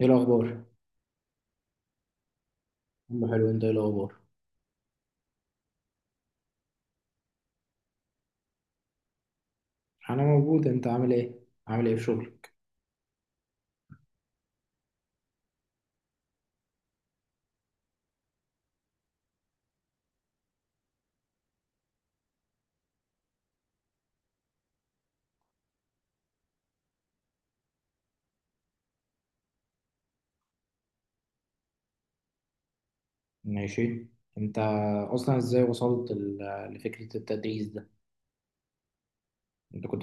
ايه الاخبار؟ عم حلو. انت ايه الاخبار؟ انا موجود. انت عامل ايه في شغل؟ ماشي. انت اصلا ازاي وصلت لفكره التدريس ده؟ انت كنت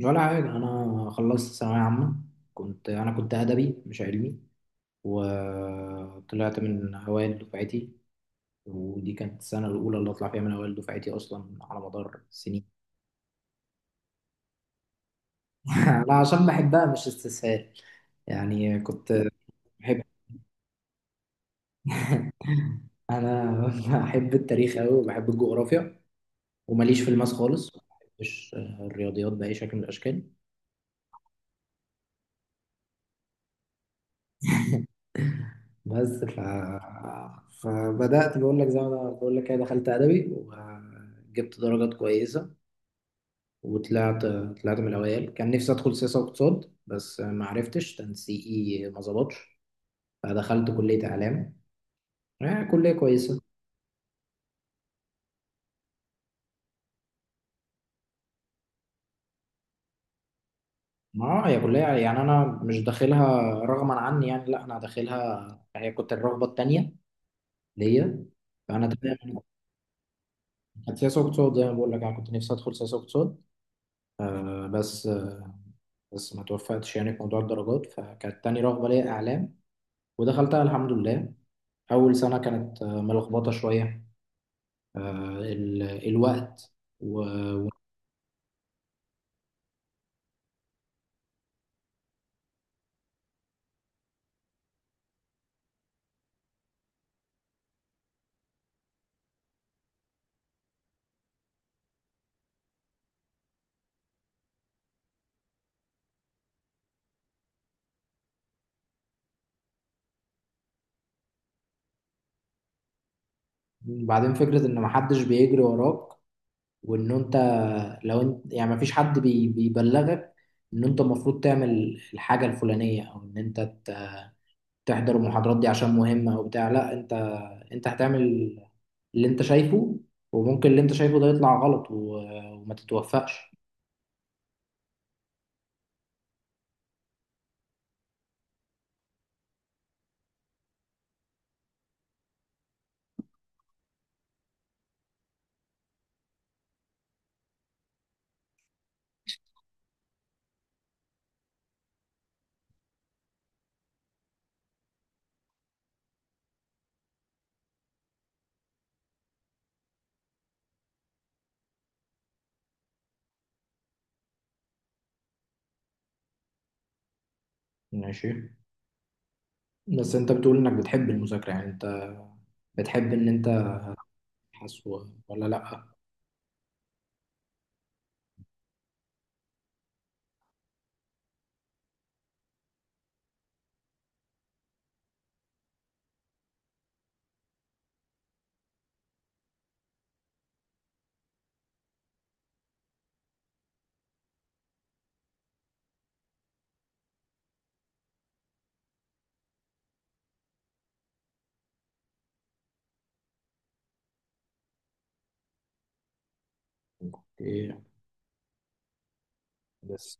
ولا حاجه. انا خلصت ثانويه عامه. انا كنت ادبي مش علمي، وطلعت من اوائل دفعتي. ودي كانت السنه الاولى اللي اطلع فيها من اوائل دفعتي اصلا على مدار سنين. لا، عشان بحبها مش استسهال. يعني كنت بحب انا بحب التاريخ قوي وبحب الجغرافيا، وماليش في الماس خالص، ما بحبش الرياضيات بأي شكل من الأشكال. بس فبدأت بقول لك، زي ما أنا بقول لك كده، دخلت أدبي وجبت درجات كويسة. وطلعت من الأوائل. كان نفسي أدخل سياسة واقتصاد، بس ما عرفتش تنسيقي، ما ظبطش. فدخلت كلية إعلام. كلية كويسة. ما هي كلية يعني، أنا مش داخلها رغما عني يعني، لا أنا داخلها، هي كنت الرغبة التانية ليا. فأنا تمام. كانت سياسة واقتصاد، زي ما بقول لك، أنا كنت نفسي أدخل سياسة واقتصاد. آه بس آه بس ما توفقتش يعني في موضوع الدرجات، فكانت تاني رغبة ليا إعلام، ودخلتها الحمد لله. أول سنة كانت ملخبطة شوية. آه ال الوقت. وبعدين، فكرة إن محدش بيجري وراك، وإن أنت لو أنت يعني مفيش حد بيبلغك إن أنت المفروض تعمل الحاجة الفلانية، أو إن أنت تحضر المحاضرات دي عشان مهمة او بتاع. لا، انت هتعمل اللي انت شايفه، وممكن اللي انت شايفه ده يطلع غلط وما تتوفقش. ماشي. بس انت بتقول انك بتحب المذاكرة، يعني انت بتحب ان انت تبحث ولا لا؟ ايه، بس.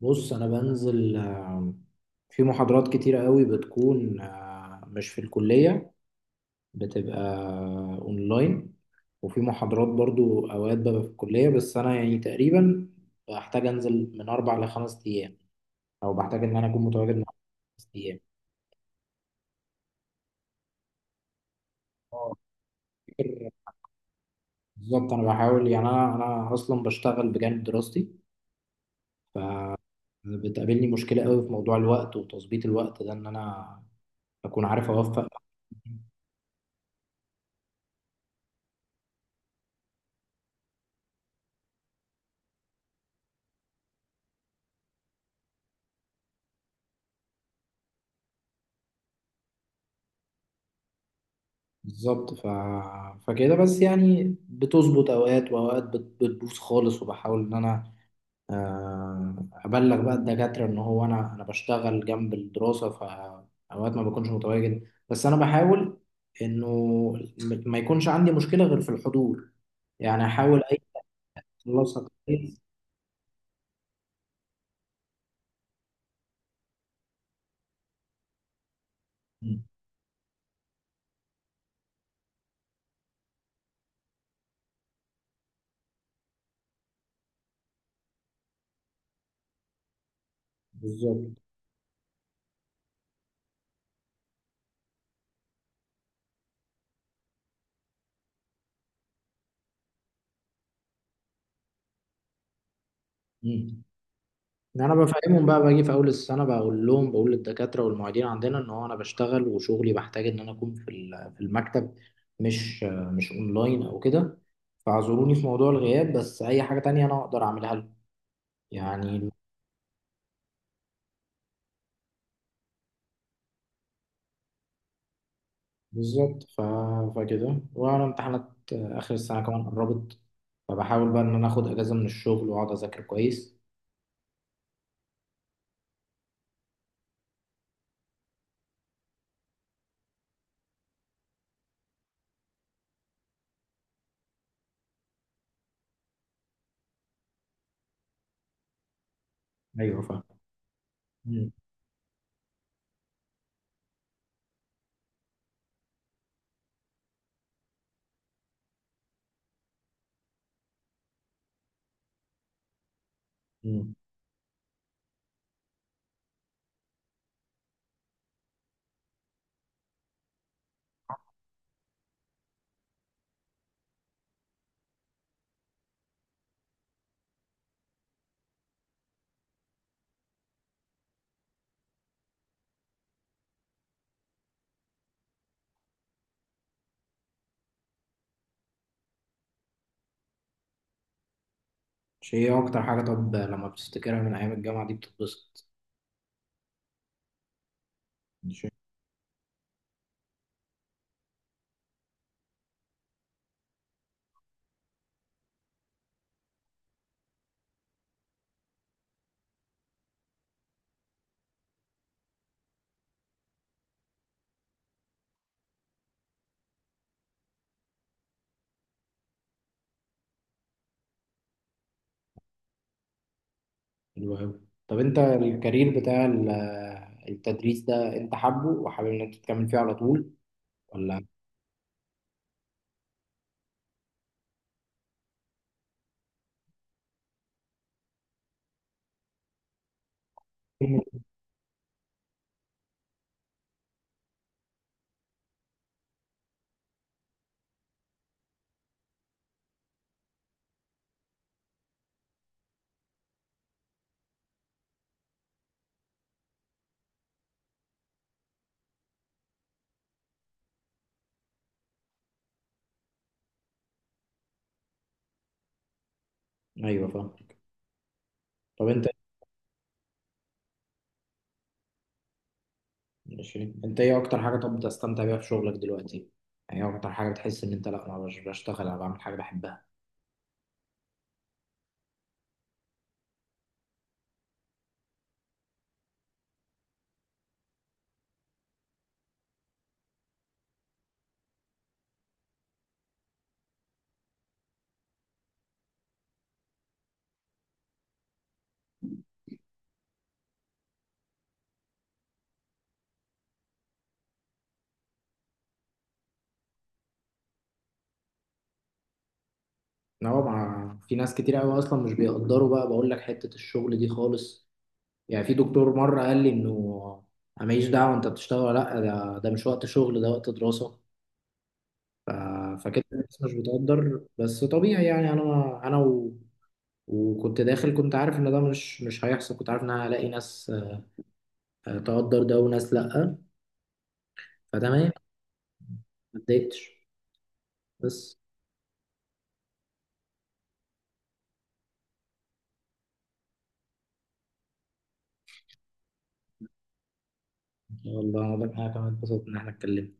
بص، انا بنزل. في محاضرات كتيرة قوي بتكون مش في الكلية، بتبقى اونلاين. وفي محاضرات برضو اوقات ببقى في الكلية، بس انا يعني تقريبا بحتاج انزل من 4 لـ 5 ايام، او بحتاج ان انا اكون متواجد مع 5 ايام. اه، فاكر. بالظبط، انا بحاول، يعني انا اصلا بشتغل بجانب دراستي. بتقابلني مشكله قوي في موضوع الوقت وتظبيط الوقت ده، ان انا اكون عارف اوفق. بالظبط. فكده بس، يعني بتظبط اوقات واوقات بتبوظ خالص. وبحاول ان انا آه، ابلغ بقى الدكاتره ان هو انا بشتغل جنب الدراسه، فاوقات ما بكونش متواجد. بس انا بحاول انه ما يكونش عندي مشكله غير في الحضور، يعني احاول اي خلاصه كويس. مم. بالظبط. مم. إن انا بفهمهم بقى، باجي في اول السنه بقول للدكاتره والمعيدين عندنا ان هو انا بشتغل، وشغلي بحتاج ان انا اكون في في المكتب، مش اونلاين او كده، فاعذروني في موضوع الغياب. بس اي حاجه تانية انا اقدر اعملها لكم، يعني. بالظبط. فكده، وانا امتحانات اخر السنه كمان قربت، فبحاول بقى ان انا اخد اجازه من الشغل واقعد اذاكر كويس. ايوه، فاهم. مم. مم. شيء، إيه اكتر حاجه طب لما بتفتكرها من ايام الجامعه دي بتتبسط؟ شيء. حلو قوي. طب، انت الكارير بتاع التدريس ده، انت حابه وحابب ان انت تكمل فيه على طول، ولا؟ ايوه، فاهم. طب ماشي. انت ايه اكتر حاجه، طب، بتستمتع بيها في شغلك دلوقتي؟ يعني ايه اكتر حاجه بتحس ان انت، لا انا مش بشتغل، انا بعمل حاجه بحبها. ان هو في ناس كتير قوي اصلا مش بيقدروا بقى، بقول لك حته الشغل دي خالص. يعني في دكتور مره قال لي انه انا ماليش دعوه، انت بتشتغل ولا لا، ده مش وقت شغل، ده وقت دراسه. ف... فكده الناس مش بتقدر، بس طبيعي، يعني انا وكنت داخل كنت عارف ان ده مش هيحصل. كنت عارف ان انا هلاقي ناس تقدر ده وناس لا، فتمام. ما اتضايقتش، بس. ان شاء الله، ده حاجه كمان اتبسطت ان احنا اتكلمنا.